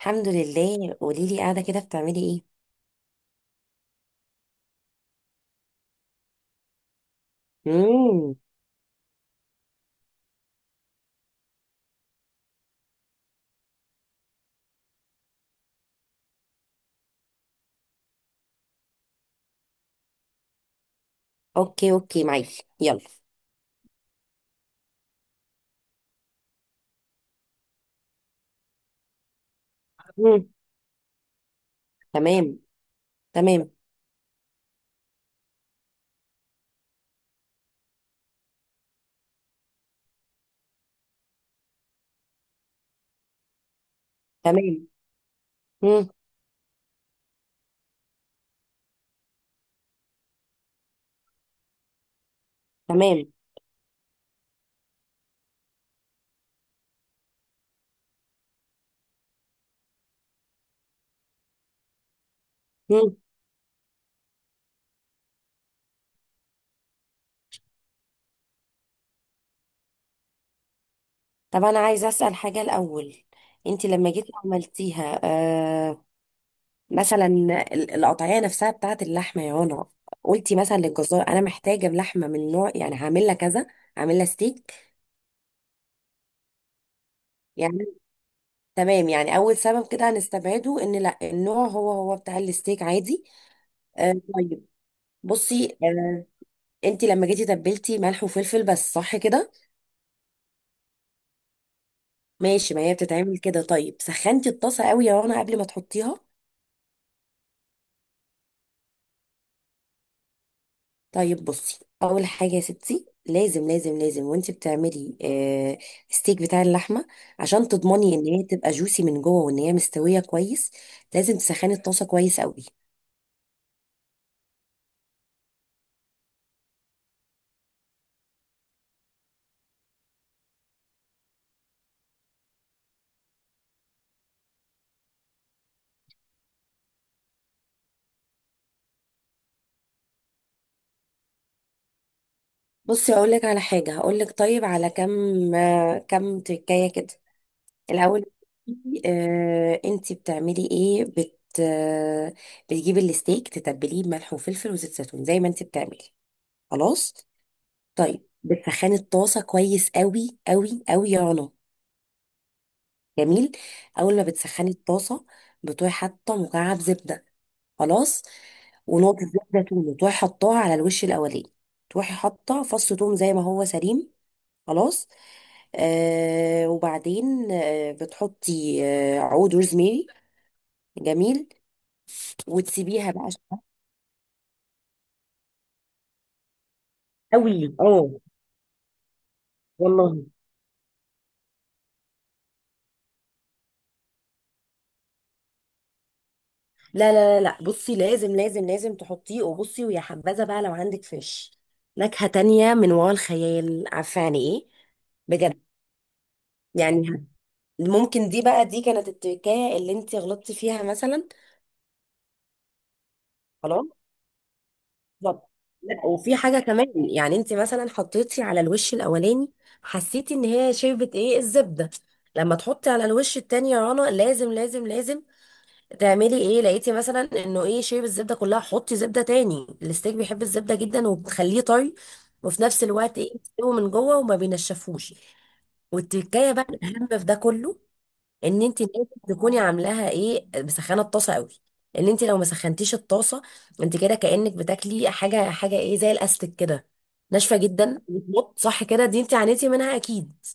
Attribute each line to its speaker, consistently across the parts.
Speaker 1: الحمد لله، قولي لي قاعده كده بتعملي ايه؟ امم اوكي اوكي، معاكي، يلا. مم. تمام. تمام. تمام. مم. تمام. مم. طب انا عايزه اسال حاجه الاول. انت لما جيتي عملتيها، مثلا القطعيه نفسها بتاعت اللحمه، يا هنا قلتي مثلا للجزار انا محتاجه لحمه من نوع، يعني هعمل لها كذا، هعمل لها ستيك يعني؟ تمام، يعني اول سبب كده هنستبعده، ان لا، النوع هو بتاع الستيك عادي. آه، طيب. بصي، انت لما جيتي تبلتي ملح وفلفل بس، صح كده؟ ماشي، ما هي بتتعمل كده. طيب، سخنتي الطاسه قوي يا رنا قبل ما تحطيها؟ طيب بصي، اول حاجه يا ستي، لازم لازم لازم وانت بتعملي ستيك بتاع اللحمه، عشان تضمني ان هي تبقى جوسي من جوه وان هي مستويه كويس، لازم تسخني الطاسه كويس قوي. بصي اقول لك على حاجه، هقول لك، طيب على كم، كم تكايه كده الأول. انتي بتعملي ايه، بت آه، بتجيبي الستيك، تتبليه بملح وفلفل وزيت زيتون زي ما انتي بتعملي. خلاص. طيب، بتسخني الطاسة كويس قوي قوي قوي يا رنا. جميل. أول ما بتسخني الطاسة، بتروحي حاطة مكعب زبدة. خلاص. ونقطة زبدة توم، تروحي حطاها على الوش الأولاني. تروحي حاطة فص توم زي ما هو سليم. خلاص. وبعدين بتحطي عود روزميري. جميل. وتسيبيها بقى شوية. قوي، اه. والله لا لا لا لا، بصي لازم لازم لازم تحطيه، وبصي ويا حبذا بقى لو عندك فيش نكهة تانية من وراء الخيال، عارفة يعني ايه؟ بجد يعني. ممكن دي بقى، دي كانت التركاية اللي انت غلطتي فيها مثلا. خلاص. بالظبط. لا وفي حاجة كمان، يعني انت مثلا حطيتي على الوش الاولاني، حسيتي ان هي شربت ايه، الزبدة. لما تحطي على الوش التاني يا رنا، لازم لازم لازم تعملي ايه، لقيتي مثلا انه ايه، شيب الزبده كلها، حطي زبده تاني. الستيك بيحب الزبده جدا وبتخليه طري، وفي نفس الوقت ايه، بتستوي من جوه وما بينشفوش. والتكايه بقى الاهم في ده كله، ان انت لازم تكوني عاملاها ايه، مسخنه الطاسه قوي. ان انت لو ما سخنتيش الطاسه، انت كده كانك بتاكلي حاجه، حاجه ايه، زي الاستك كده، ناشفه جدا، بتمط، صح كده؟ دي انت عانيتي منها اكيد.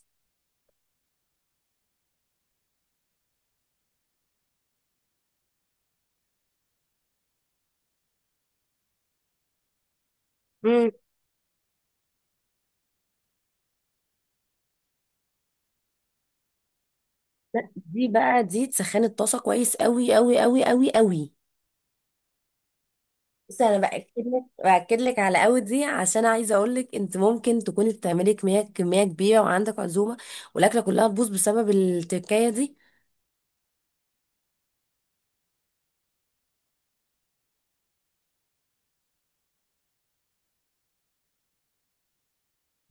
Speaker 1: مم. دي بقى دي، تسخني الطاسه كويس قوي قوي قوي قوي قوي، بس انا باكد لك على قوي دي، عشان عايزه اقول لك انت ممكن تكوني بتعملي كميه كبيره وعندك عزومه، والاكله كلها تبوظ بسبب التكايه دي.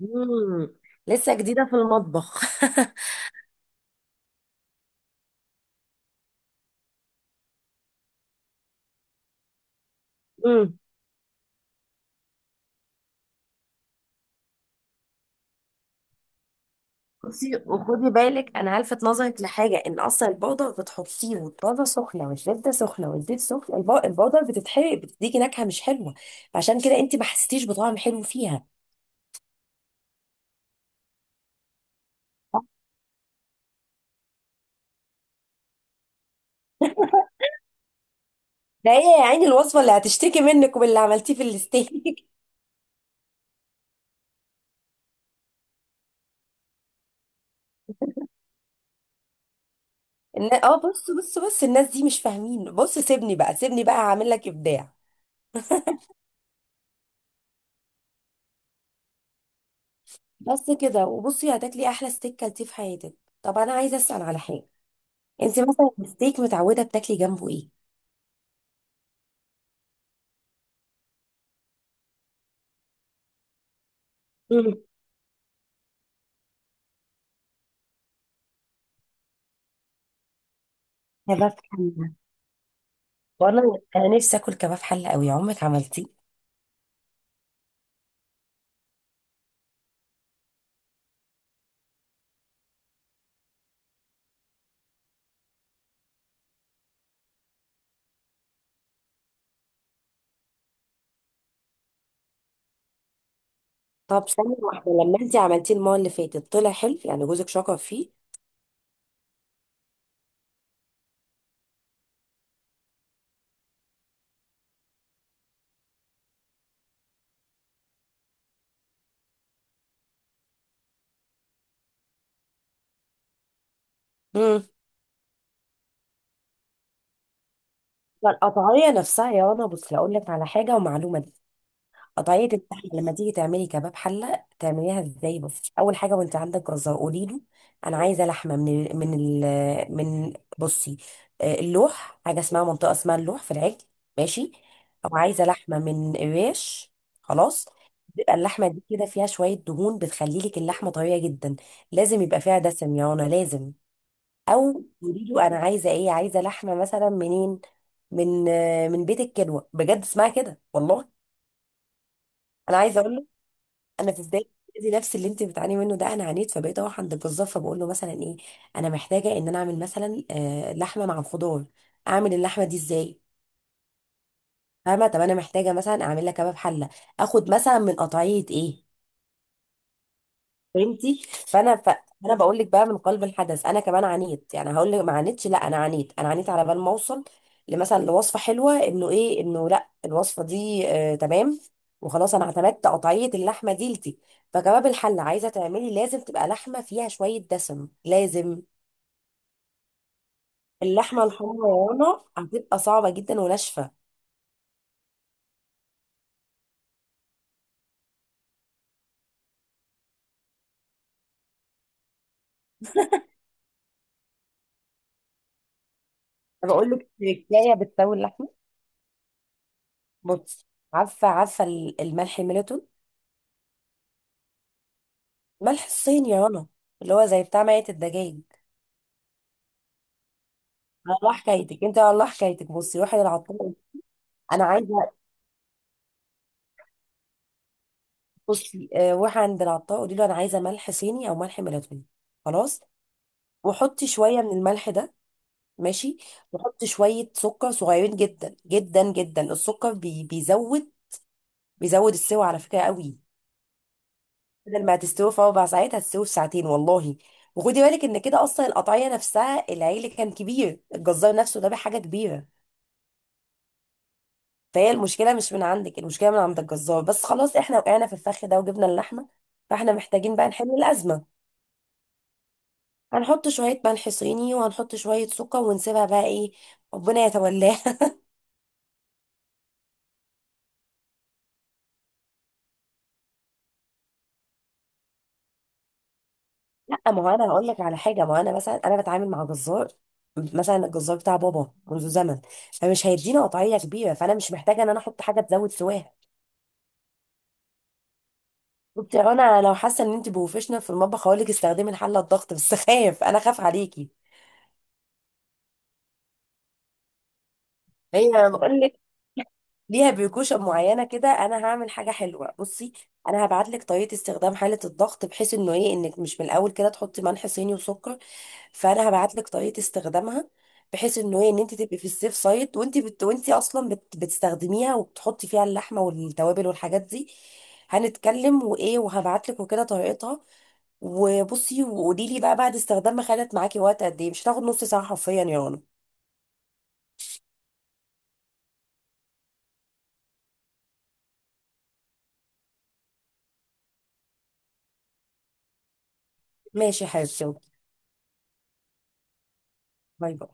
Speaker 1: مم. لسه جديده في المطبخ. مم. بصي وخدي بالك، انا هلفت نظرك لحاجه، ان اصلا البودر بتحطيه، والبودر سخنه، والزبده سخنه، والزيت سخن، البودر بتتحرق، بتديكي نكهه مش حلوه، فعشان كده انت ما حسيتيش بطعم حلو فيها. ده ايه يا عيني الوصفه اللي هتشتكي منك، وباللي عملتيه في الاستيك. بص بص بص، الناس دي مش فاهمين، بص سيبني بقى سيبني بقى هعمل لك ابداع. بس كده، وبصي هتاكلي احلى ستيك كلتيه في حياتك. طب انا عايزه اسال على حاجه، انت مثلا الستيك متعوده بتاكلي جنبه ايه؟ مم. كباب حله؟ والله انا نفسي اكل كباب حله قوي، عمرك عملتيه؟ طب ثانيه واحده، لما انت عملتيه المره اللي فاتت طلع حلو يعني؟ جوزك شكر فيه؟ مم. فالقطعيه نفسها يا رنا، بصي اقول لك على حاجه ومعلومه، قطعية اللحمة لما تيجي تعملي كباب حلة تعمليها ازاي؟ بس أول حاجة وانت عندك جزار قولي له، أنا عايزة لحمة من ال من ال من بصي آه، اللوح، حاجة اسمها منطقة اسمها اللوح في العجل. ماشي. أو عايزة لحمة من الريش. خلاص. بيبقى اللحمة دي كده فيها شوية دهون، بتخلي لك اللحمة طرية جدا. لازم يبقى فيها دسم يا رنا لازم. أو قولي له أنا عايزة إيه، عايزة لحمة مثلا منين، من بيت الكلوة، بجد اسمها كده والله. انا عايزه اقول، انا في بدايه، دي نفس اللي انت بتعاني منه ده، انا عانيت، فبقيت اروح عند الجزار فبقول له مثلا ايه، انا محتاجه ان انا اعمل مثلا لحمه مع خضار، اعمل اللحمه دي ازاي؟ فاهمه؟ طب انا محتاجه مثلا اعمل لك كباب حله، اخد مثلا من قطعيه ايه؟ فهمتي؟ فانا انا بقول لك بقى من قلب الحدث، انا كمان عانيت، يعني هقول لك ما عانيتش؟ لا انا عانيت، انا عانيت على بال ما اوصل لمثلا لوصفه حلوه، انه ايه انه لا الوصفه دي، آه تمام، وخلاص انا اعتمدت قطعيه اللحمه دي لتي. فكباب الحله عايزه تعملي، لازم تبقى لحمه فيها شويه دسم لازم. اللحمه الحمراء يا رنا هتبقى صعبه جدا وناشفه. بقول لك تركايه بتسوي اللحمه. بصي، عارفه عارفه الملح الميلتون، ملح الصين يا رنا، اللي هو زي بتاع ميه الدجاج. والله حكايتك انت، والله حكايتك، بصي روحي للعطار. انا عايزه، بصي، روحي عند العطار قولي له انا عايزه ملح صيني او ملح ميلاتوني. خلاص. وحطي شويه من الملح ده. ماشي. وحطي شويه سكر صغيرين جدا جدا جدا. السكر بيزود، بيزود السوى على فكره قوي. بدل ما هتستوي في 4 ساعات هتستوي في ساعتين والله. وخدي بالك ان كده، اصلا القطعيه نفسها، العيل كان كبير، الجزار نفسه ده بحاجه كبيره، فهي المشكله مش من عندك، المشكله من عند الجزار، بس خلاص احنا وقعنا في الفخ ده وجبنا اللحمه، فاحنا محتاجين بقى نحل الازمه. هنحط شويه ملح صيني وهنحط شويه سكر، ونسيبها بقى ايه، ربنا يتولاها. لا، ما هو انا هقول لك على حاجه، ما هو انا مثلا انا بتعامل مع جزار، مثلا الجزار بتاع بابا منذ زمن، فمش هيدينا قطعيه كبيره، فانا مش محتاجه ان انا احط حاجه تزود سواها. قلت يا رنا، لو حاسه ان انت بروفيشنال في المطبخ هقول لك استخدمي الحله الضغط بس، خايف، انا خاف عليكي. هي بقول لك، ليها بيركوشن معينه كده، انا هعمل حاجه حلوه. بصي، انا هبعت لك طريقه استخدام حاله الضغط بحيث انه ايه، انك مش من الاول كده تحطي ملح صيني وسكر. فانا هبعت لك طريقه استخدامها، بحيث انه ايه ان انت تبقي في السيف سايد، وانت وانت اصلا بتستخدميها وبتحطي فيها اللحمه والتوابل والحاجات دي، هنتكلم، وايه، وهبعت لك، وكده طريقتها. وبصي، وقولي لي بقى بعد استخدامها خدت معاكي وقت قد ايه، مش هتاخد نص ساعه حرفيا يا رنا. ماشي يا حبيبتي، باي باي.